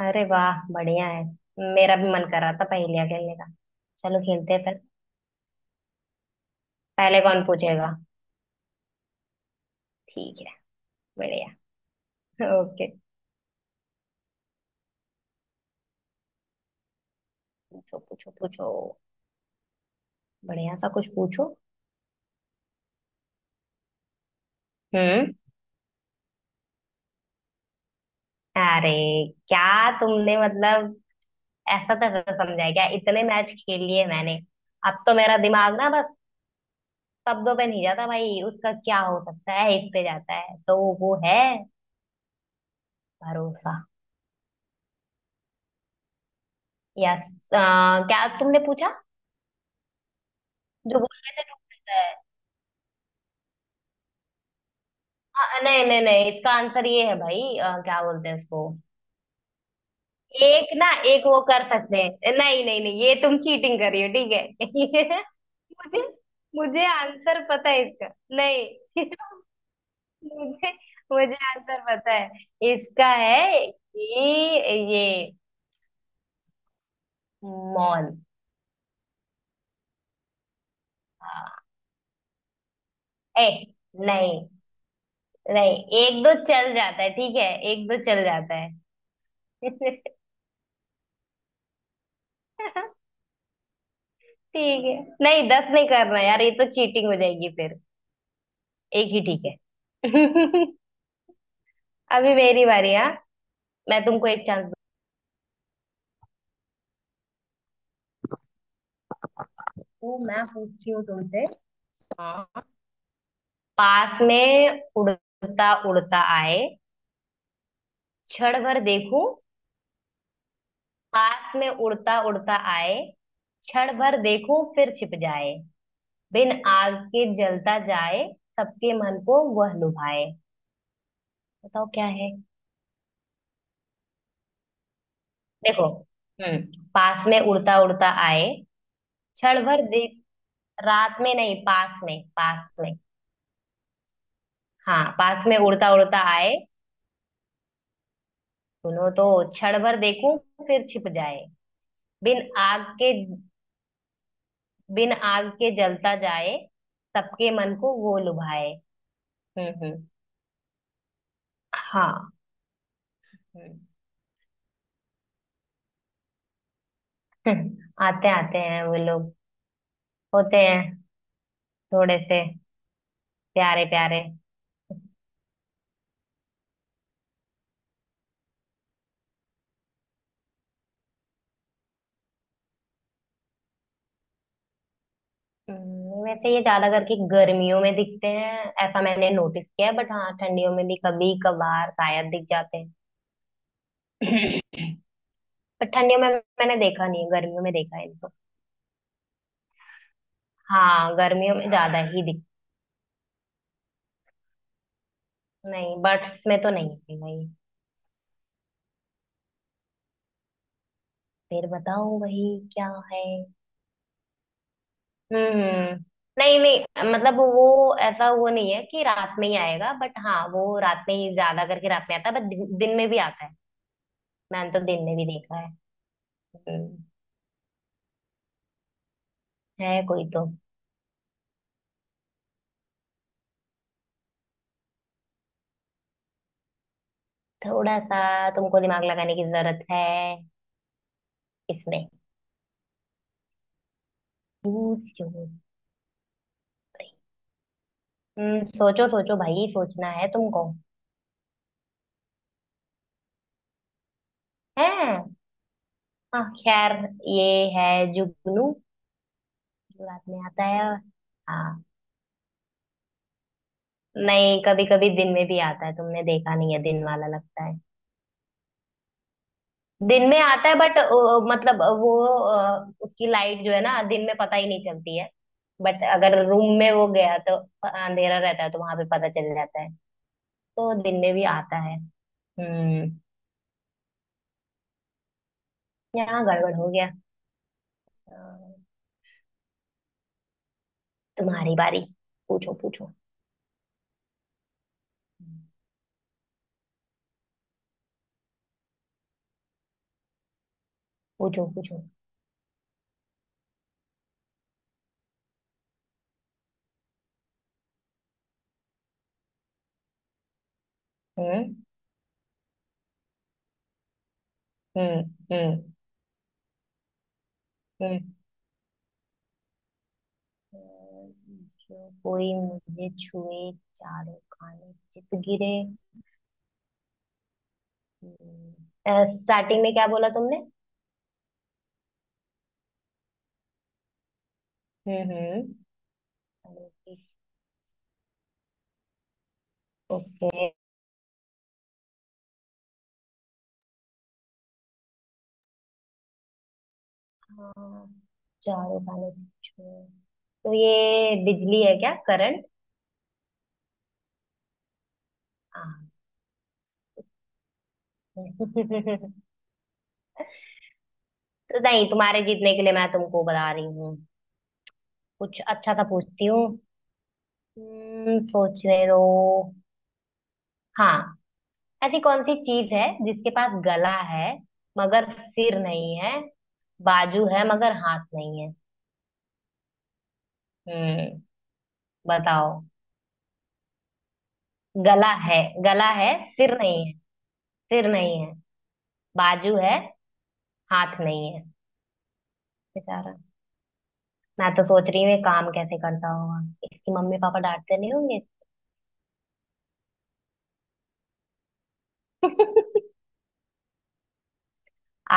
अरे वाह बढ़िया है। मेरा भी मन कर रहा था पहेलियाँ खेलने का। चलो खेलते हैं फिर। पहले कौन पूछेगा? ठीक है। बढ़िया। ओके। पूछो पूछो पूछो। बढ़िया सा कुछ पूछो। हम्म अरे क्या? तुमने मतलब ऐसा तैसा समझा है क्या? इतने मैच खेल लिए मैंने। अब तो मेरा दिमाग ना बस शब्दों पे नहीं जाता भाई, उसका क्या हो सकता है इस पे जाता है, तो वो है भरोसा। यस, क्या तुमने पूछा? जो बोल रहे थे। हाँ, नहीं नहीं नहीं, इसका आंसर ये है भाई क्या बोलते हैं उसको। एक ना एक वो कर सकते हैं। नहीं नहीं नहीं, ये तुम चीटिंग कर रही हो, ठीक है। मुझे, मुझे आंसर पता है इसका। नहीं। मुझे, मुझे आंसर पता है इसका, है कि ये मौन। हाँ। ए, नहीं नहीं, एक दो चल जाता है ठीक है। एक दो चल जाता है। ठीक है। नहीं दस नहीं करना यार, ये तो चीटिंग हो जाएगी फिर। एक ही ठीक है। अभी मेरी बारी है। मैं तुमको एक चांस दूँ, मैं पूछती हूँ तुमसे। हाँ। पास में उड़ता उड़ता आए, क्षण भर देखूं। पास में उड़ता उड़ता आए, क्षण भर देखूं, फिर छिप जाए। बिन आग के जलता जाए, सबके मन को वह लुभाए। बताओ क्या है। देखो। हम्म। पास में उड़ता उड़ता आए, क्षण भर देख। रात में नहीं, पास में, पास में। हाँ, पास में उड़ता उड़ता आए। सुनो तो। क्षण भर देखूं, फिर छिप जाए। बिन आग के बिन आग के जलता जाए, सबके मन को वो लुभाए। हम्म। हाँ। हम्म। आते आते हैं वो लोग। होते हैं थोड़े से, प्यारे प्यारे। वैसे ये ज्यादा करके गर्मियों में दिखते हैं। ऐसा मैंने नोटिस किया है, बट हाँ ठंडियों में भी कभी कभार शायद दिख जाते हैं। पर ठंडियों में मैंने देखा नहीं है, गर्मियों में देखा है इनको। हाँ गर्मियों में ज्यादा ही दिख। नहीं, बर्ड्स में तो नहीं है भाई। फिर बताओ वही क्या है। हम्म। नहीं नहीं, मतलब वो ऐसा वो नहीं है कि रात में ही आएगा, बट हाँ वो रात में ही ज्यादा करके रात में आता है, बट दिन में भी आता है। मैंने तो दिन में भी देखा है। हम्म, है कोई तो। थोड़ा सा तुमको दिमाग लगाने की जरूरत है इसमें। पूछो। हम्म, सोचो सोचो भाई, सोचना है तुमको। है। हाँ खैर, ये है जुगनू। रात में आता है। हाँ, नहीं कभी कभी दिन में भी आता है, तुमने देखा नहीं है दिन वाला, लगता है दिन में आता है, बट मतलब वो उसकी लाइट जो है ना दिन में पता ही नहीं चलती है। बट अगर रूम में वो गया तो अंधेरा रहता है तो वहां पे पता चल जाता है। तो दिन में भी आता है। हम्म। यहाँ गड़बड़ हो गया। अ, तुम्हारी बारी। पूछो पूछो पूछो पूछो। हम्म हम्म हम्म हम्म। जो कोई मुझे छुए, चारों खाने चित गिरे। स्टार्टिंग में क्या बोला तुमने? हम्म। ओके। हाँ, चारों खाने चित छुए, तो ये बिजली है क्या, करंट? हाँ। तो, नहीं तुम्हारे जीतने के लिए मैं तुमको बता रही हूँ, कुछ अच्छा सा पूछती हूँ। सोचने दो। हाँ। ऐसी कौन सी चीज है जिसके पास गला है मगर सिर नहीं है, बाजू है मगर हाथ नहीं है। हम्म। बताओ। गला है, गला है, सिर नहीं है, सिर नहीं है, बाजू है, हाथ नहीं है। बेचारा, मैं तो सोच रही हूँ ये काम कैसे करता होगा। इसकी मम्मी पापा डांटते नहीं होंगे।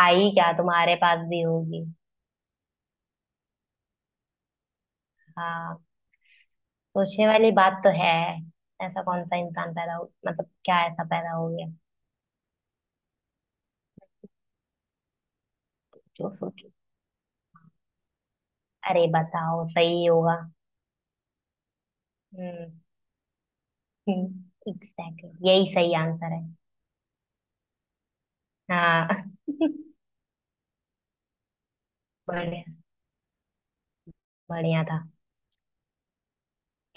आई, क्या तुम्हारे पास भी होगी? हाँ, सोचने वाली बात तो है। ऐसा कौन सा इंसान पैदा हो, मतलब क्या ऐसा पैदा हो गया। सोचो सोचो। अरे बताओ, सही होगा। हम्म, एग्जैक्टली यही सही आंसर है। हाँ। बढ़िया, बढ़िया था।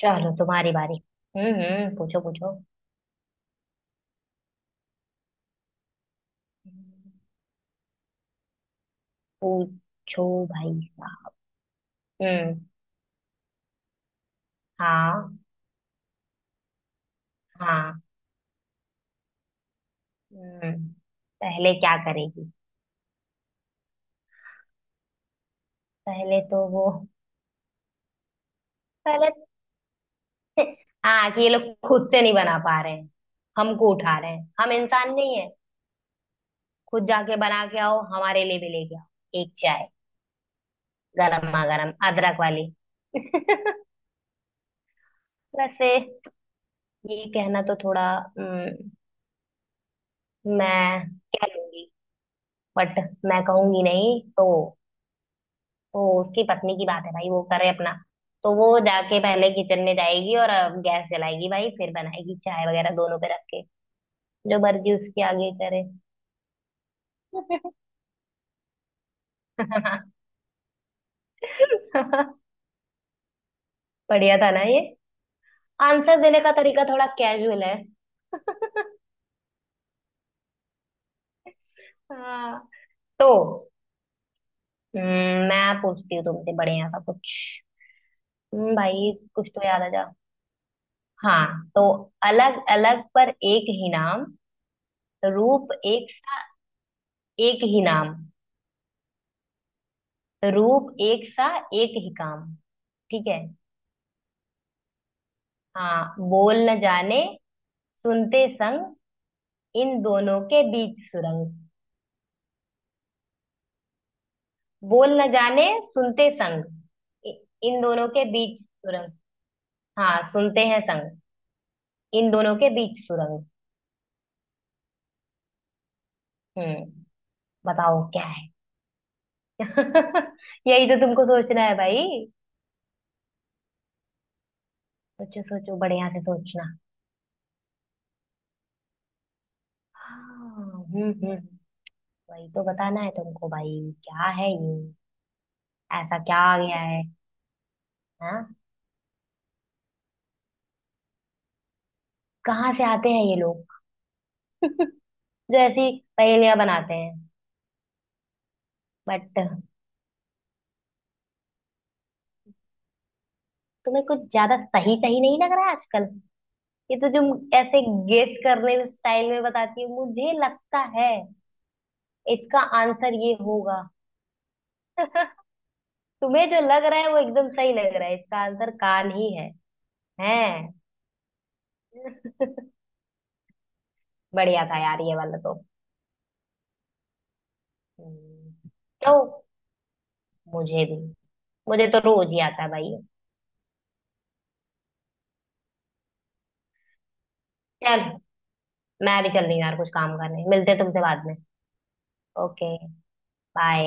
चलो तुम्हारी बारी। हम्म, पूछो पूछो पूछो। भाई साहब। हम्म। हाँ। हाँ। हम्म, पहले क्या करेगी? पहले तो वो, पहले, हाँ कि ये लोग खुद से नहीं बना पा रहे हैं, हमको उठा रहे हैं, हम इंसान नहीं है। खुद जाके बना के आओ, हमारे लिए भी लेके आओ एक चाय, गरमा गरम अदरक वाली। वैसे ये कहना तो थोड़ा, हम्म, मैं कह लूंगी बट मैं कहूंगी नहीं। तो तो उसकी पत्नी की बात है भाई, वो करे अपना। तो वो जाके पहले किचन में जाएगी और गैस जलाएगी भाई, फिर बनाएगी चाय वगैरह दोनों पे रख के। जो मर्जी उसके आगे करे। बढ़िया था ना ये? आंसर देने का तरीका थोड़ा कैजुअल है। हाँ तो, मैं पूछती हूँ तुमसे बढ़िया सा कुछ। भाई कुछ तो याद आ जा। हाँ तो, अलग अलग पर एक ही नाम, रूप एक सा, एक ही नाम, रूप एक सा, एक ही काम। ठीक है। हाँ, बोल न जाने, सुनते संग, इन दोनों के बीच सुरंग। बोल न जाने सुनते संग, इ- इन दोनों के बीच सुरंग। हाँ सुनते हैं संग, इन दोनों के बीच सुरंग। हम्म। बताओ क्या है। यही तो तुमको सोचना है भाई। सोचो सोचो, बढ़िया से सोचना। हाँ, हम्म। वही तो बताना है तुमको भाई, क्या है ये, ऐसा क्या आ गया है। हाँ, कहाँ से आते हैं ये लोग जो ऐसी पहेलियां बनाते हैं। बट तुम्हें कुछ ज्यादा सही सही नहीं लग रहा है आजकल, ये तो तुम ऐसे गेस करने में स्टाइल में बताती हो, मुझे लगता है इसका आंसर ये होगा। तुम्हें जो लग रहा है वो एकदम सही लग रहा है, इसका आंसर कान ही है। हैं, बढ़िया था यार ये वाला तो। हम्म, तो मुझे भी, मुझे तो रोज ही आता है भाई। चल मैं भी चल रही हूँ यार, कुछ काम करने। मिलते हैं तुमसे बाद में। ओके। बाय।